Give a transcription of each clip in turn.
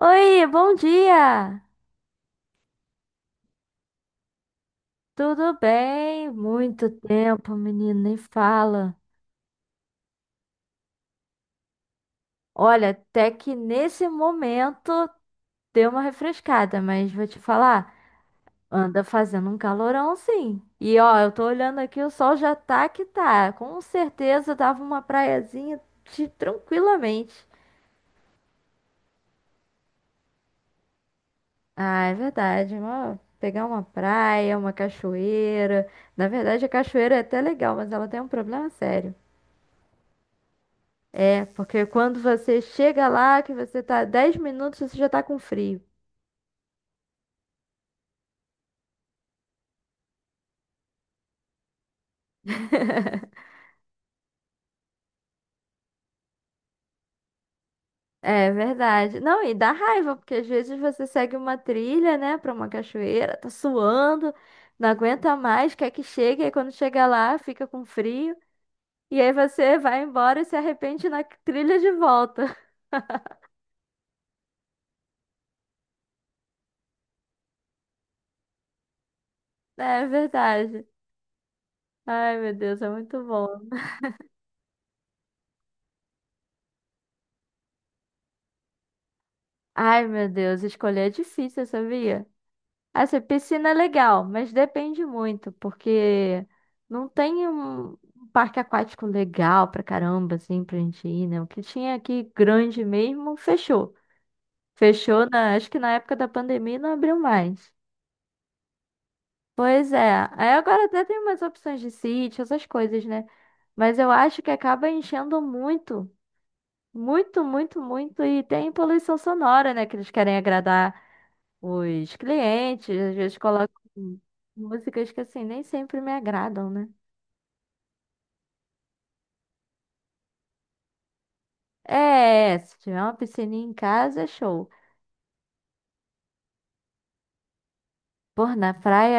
Oi, bom dia! Tudo bem? Muito tempo, menino, nem fala. Olha, até que nesse momento deu uma refrescada, mas vou te falar, anda fazendo um calorão sim. E ó, eu tô olhando aqui, o sol já tá que tá. Com certeza dava uma praiazinha de- tranquilamente. Ah, é verdade, uma- pegar uma praia, uma cachoeira. Na verdade, a cachoeira é até legal, mas ela tem um problema sério. É, porque quando você chega lá, que você tá 10 minutos, você já tá com frio. É verdade. Não, e dá raiva, porque às vezes você segue uma trilha, né, pra uma cachoeira, tá suando, não aguenta mais, quer que chegue, aí quando chega lá, fica com frio, e aí você vai embora e se arrepende na trilha de volta. É verdade. Ai, meu Deus, é muito bom. Ai, meu Deus, escolher é difícil, sabia? Assim, piscina é legal, mas depende muito, porque não tem um parque aquático legal pra caramba, assim, pra gente ir, né? O que tinha aqui grande mesmo, fechou. Fechou, na, acho que na época da pandemia não abriu mais. Pois é, aí agora até tem umas opções de sítio, essas coisas, né? Mas eu acho que acaba enchendo muito, muito, muito, muito, e tem poluição sonora, né? Que eles querem agradar os clientes, às vezes colocam músicas que assim nem sempre me agradam, né? É, se tiver uma piscininha em casa, é show. Por na praia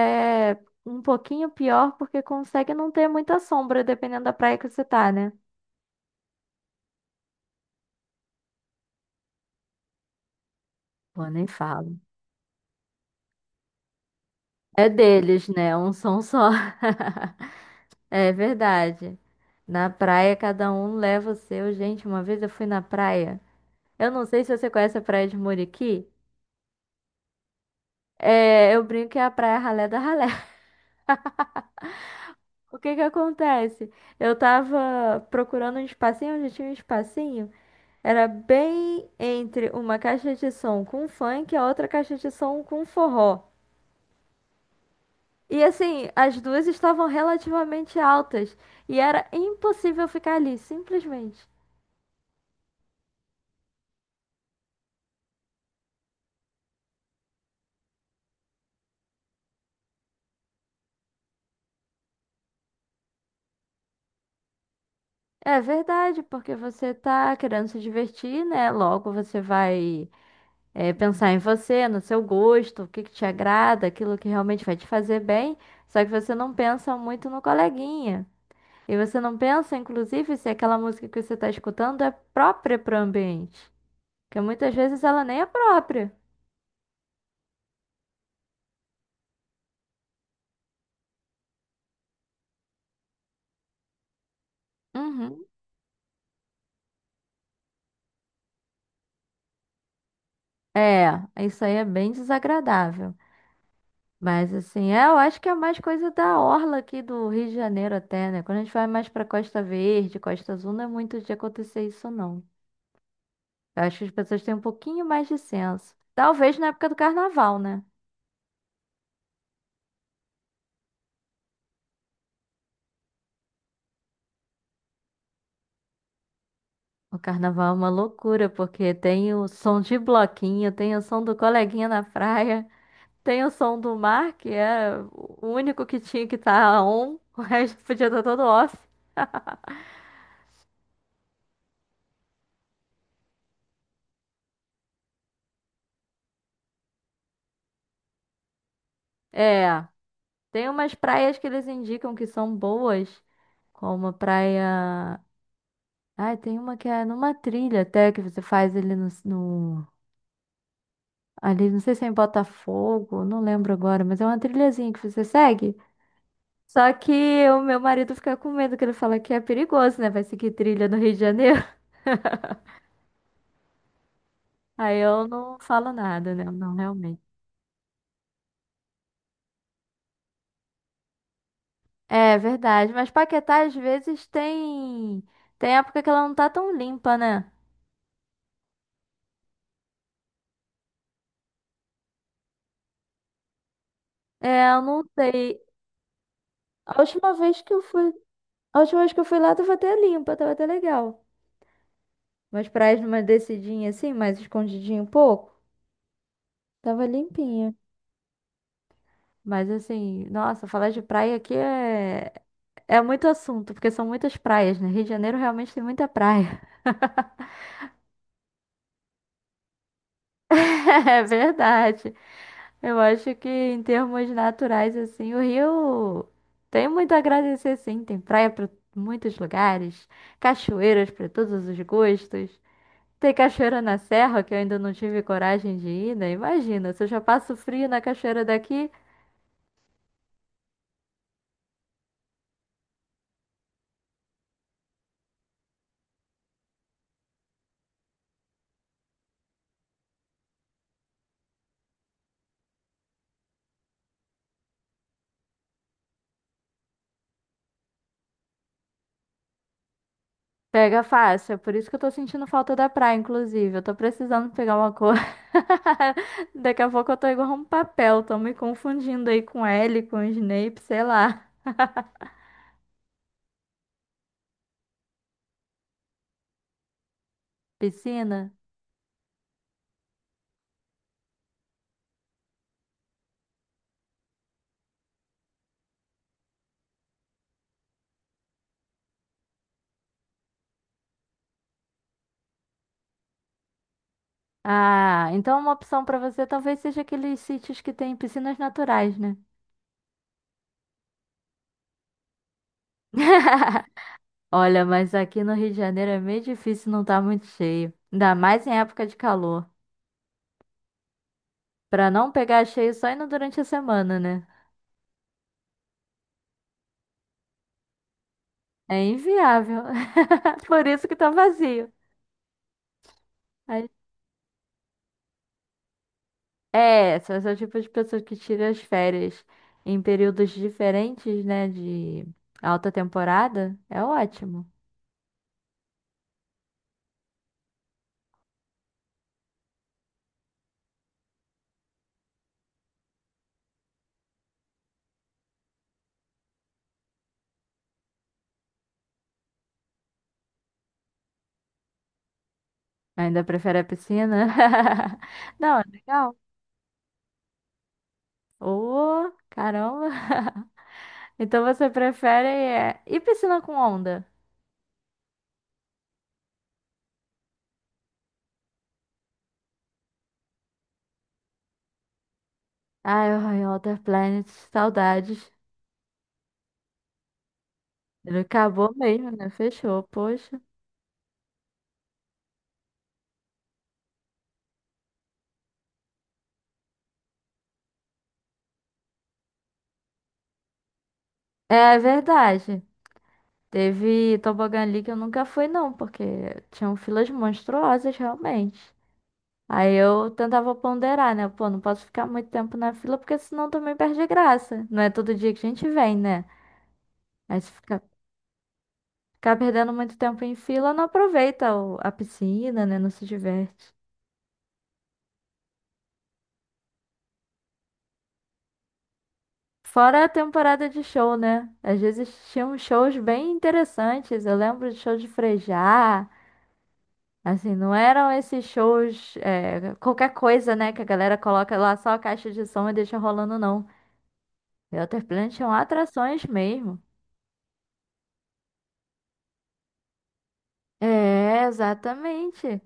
é um pouquinho pior porque consegue não ter muita sombra, dependendo da praia que você tá, né? Pô, nem falo. É deles, né? Um som só. É verdade. Na praia, cada um leva o seu. Gente, uma vez eu fui na praia. Eu não sei se você conhece a praia de Muriqui. É, eu brinco que é a praia ralé da ralé. O que que acontece? Eu tava procurando um espacinho onde tinha um espacinho. Era bem entre uma caixa de som com funk e a outra caixa de som com forró. E assim, as duas estavam relativamente altas. E era impossível ficar ali, simplesmente. É verdade, porque você tá querendo se divertir, né? Logo você vai, é, pensar em você, no seu gosto, o que que te agrada, aquilo que realmente vai te fazer bem. Só que você não pensa muito no coleguinha. E você não pensa, inclusive, se aquela música que você está escutando é própria para o ambiente? Porque muitas vezes ela nem é própria. Uhum. É, isso aí é bem desagradável. Mas assim, é, eu acho que é mais coisa da orla aqui do Rio de Janeiro até, né? Quando a gente vai mais para Costa Verde, Costa Azul, não é muito de acontecer isso, não. Eu acho que as pessoas têm um pouquinho mais de senso. Talvez na época do carnaval, né? O carnaval é uma loucura, porque tem o som de bloquinho, tem o som do coleguinha na praia. Tem o som do mar, que é o único que tinha que estar on, o resto podia estar todo off. É, tem umas praias que eles indicam que são boas, como a praia. Ai, tem uma que é numa trilha até que você faz ali no, no- Ali, não sei se é em Botafogo, não lembro agora, mas é uma trilhazinha que você segue. Só que o meu marido fica com medo, que ele fala que é perigoso, né? Vai seguir trilha no Rio de Janeiro. Aí eu não falo nada, né? Não, realmente. É verdade, mas Paquetá às vezes tem época que ela não tá tão limpa, né? É, eu não sei. A última vez que eu fui, a última vez que eu fui lá tava até limpa, tava até legal. Mas praias numa descidinha assim, mais escondidinho um pouco, tava limpinha. Mas assim, nossa, falar de praia aqui é muito assunto, porque são muitas praias, né? Rio de Janeiro realmente tem muita praia. É verdade. Eu acho que em termos naturais, assim, o Rio tem muito a agradecer, sim. Tem praia para muitos lugares, cachoeiras para todos os gostos. Tem cachoeira na Serra, que eu ainda não tive coragem de ir, né? Imagina, se eu já passo frio na cachoeira daqui, pega fácil. É por isso que eu tô sentindo falta da praia, inclusive. Eu tô precisando pegar uma cor. Daqui a pouco eu tô igual um papel, tô me confundindo aí com L, com Snape, sei lá. Piscina. Ah, então uma opção pra você talvez seja aqueles sítios que tem piscinas naturais, né? Olha, mas aqui no Rio de Janeiro é meio difícil não estar muito cheio. Ainda mais em época de calor. Pra não pegar cheio só indo durante a semana, né? É inviável. Por isso que tá vazio. Aí- É, são esse tipo de pessoas que tiram as férias em períodos diferentes, né? De alta temporada. É ótimo. Ainda prefere a piscina? Não, é legal. Ô, caramba! Então você prefere é, e piscina com onda? Ai, ai, Outer Planet, saudades. Ele acabou mesmo, né? Fechou, poxa. É verdade. Teve Tobogã ali que eu nunca fui, não, porque tinham filas monstruosas, realmente. Aí eu tentava ponderar, né? Pô, não posso ficar muito tempo na fila, porque senão também perde a graça. Não é todo dia que a gente vem, né? Aí se ficar, perdendo muito tempo em fila, não aproveita o- a piscina, né? Não se diverte. Fora a temporada de show, né? Às vezes tinham shows bem interessantes. Eu lembro de show de Frejá. Assim, não eram esses shows, é, qualquer coisa, né? Que a galera coloca lá só a caixa de som e deixa rolando, não. Outer Planet tinham atrações mesmo. É, exatamente.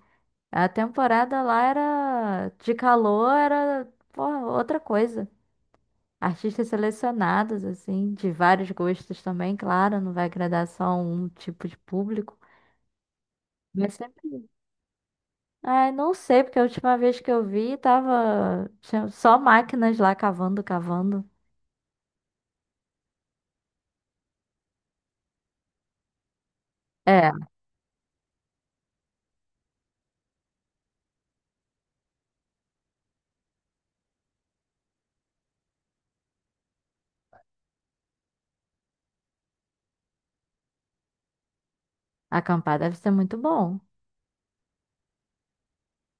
A temporada lá era de calor, era, pô, outra coisa. Artistas selecionados, assim, de vários gostos também, claro, não vai agradar só um tipo de público. Mas sempre. Ai, não sei, porque a última vez que eu vi tava tinha só máquinas lá cavando, cavando. É, acampar deve ser muito bom.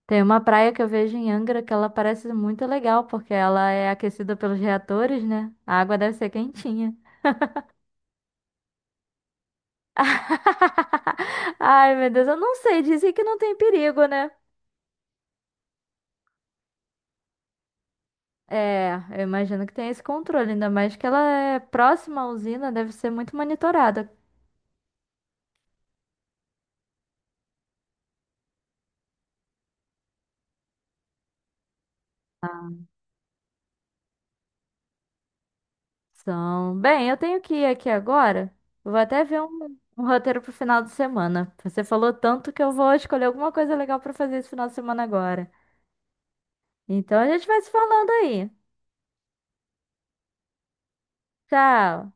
Tem uma praia que eu vejo em Angra que ela parece muito legal, porque ela é aquecida pelos reatores, né? A água deve ser quentinha. Ai, meu Deus, eu não sei, dizem que não tem perigo, né? É, eu imagino que tem esse controle, ainda mais que ela é próxima à usina, deve ser muito monitorada. São. Bem, eu tenho que ir aqui agora. Vou até ver um, um roteiro pro final de semana. Você falou tanto que eu vou escolher alguma coisa legal pra fazer esse final de semana agora. Então a gente vai se falando aí. Tchau.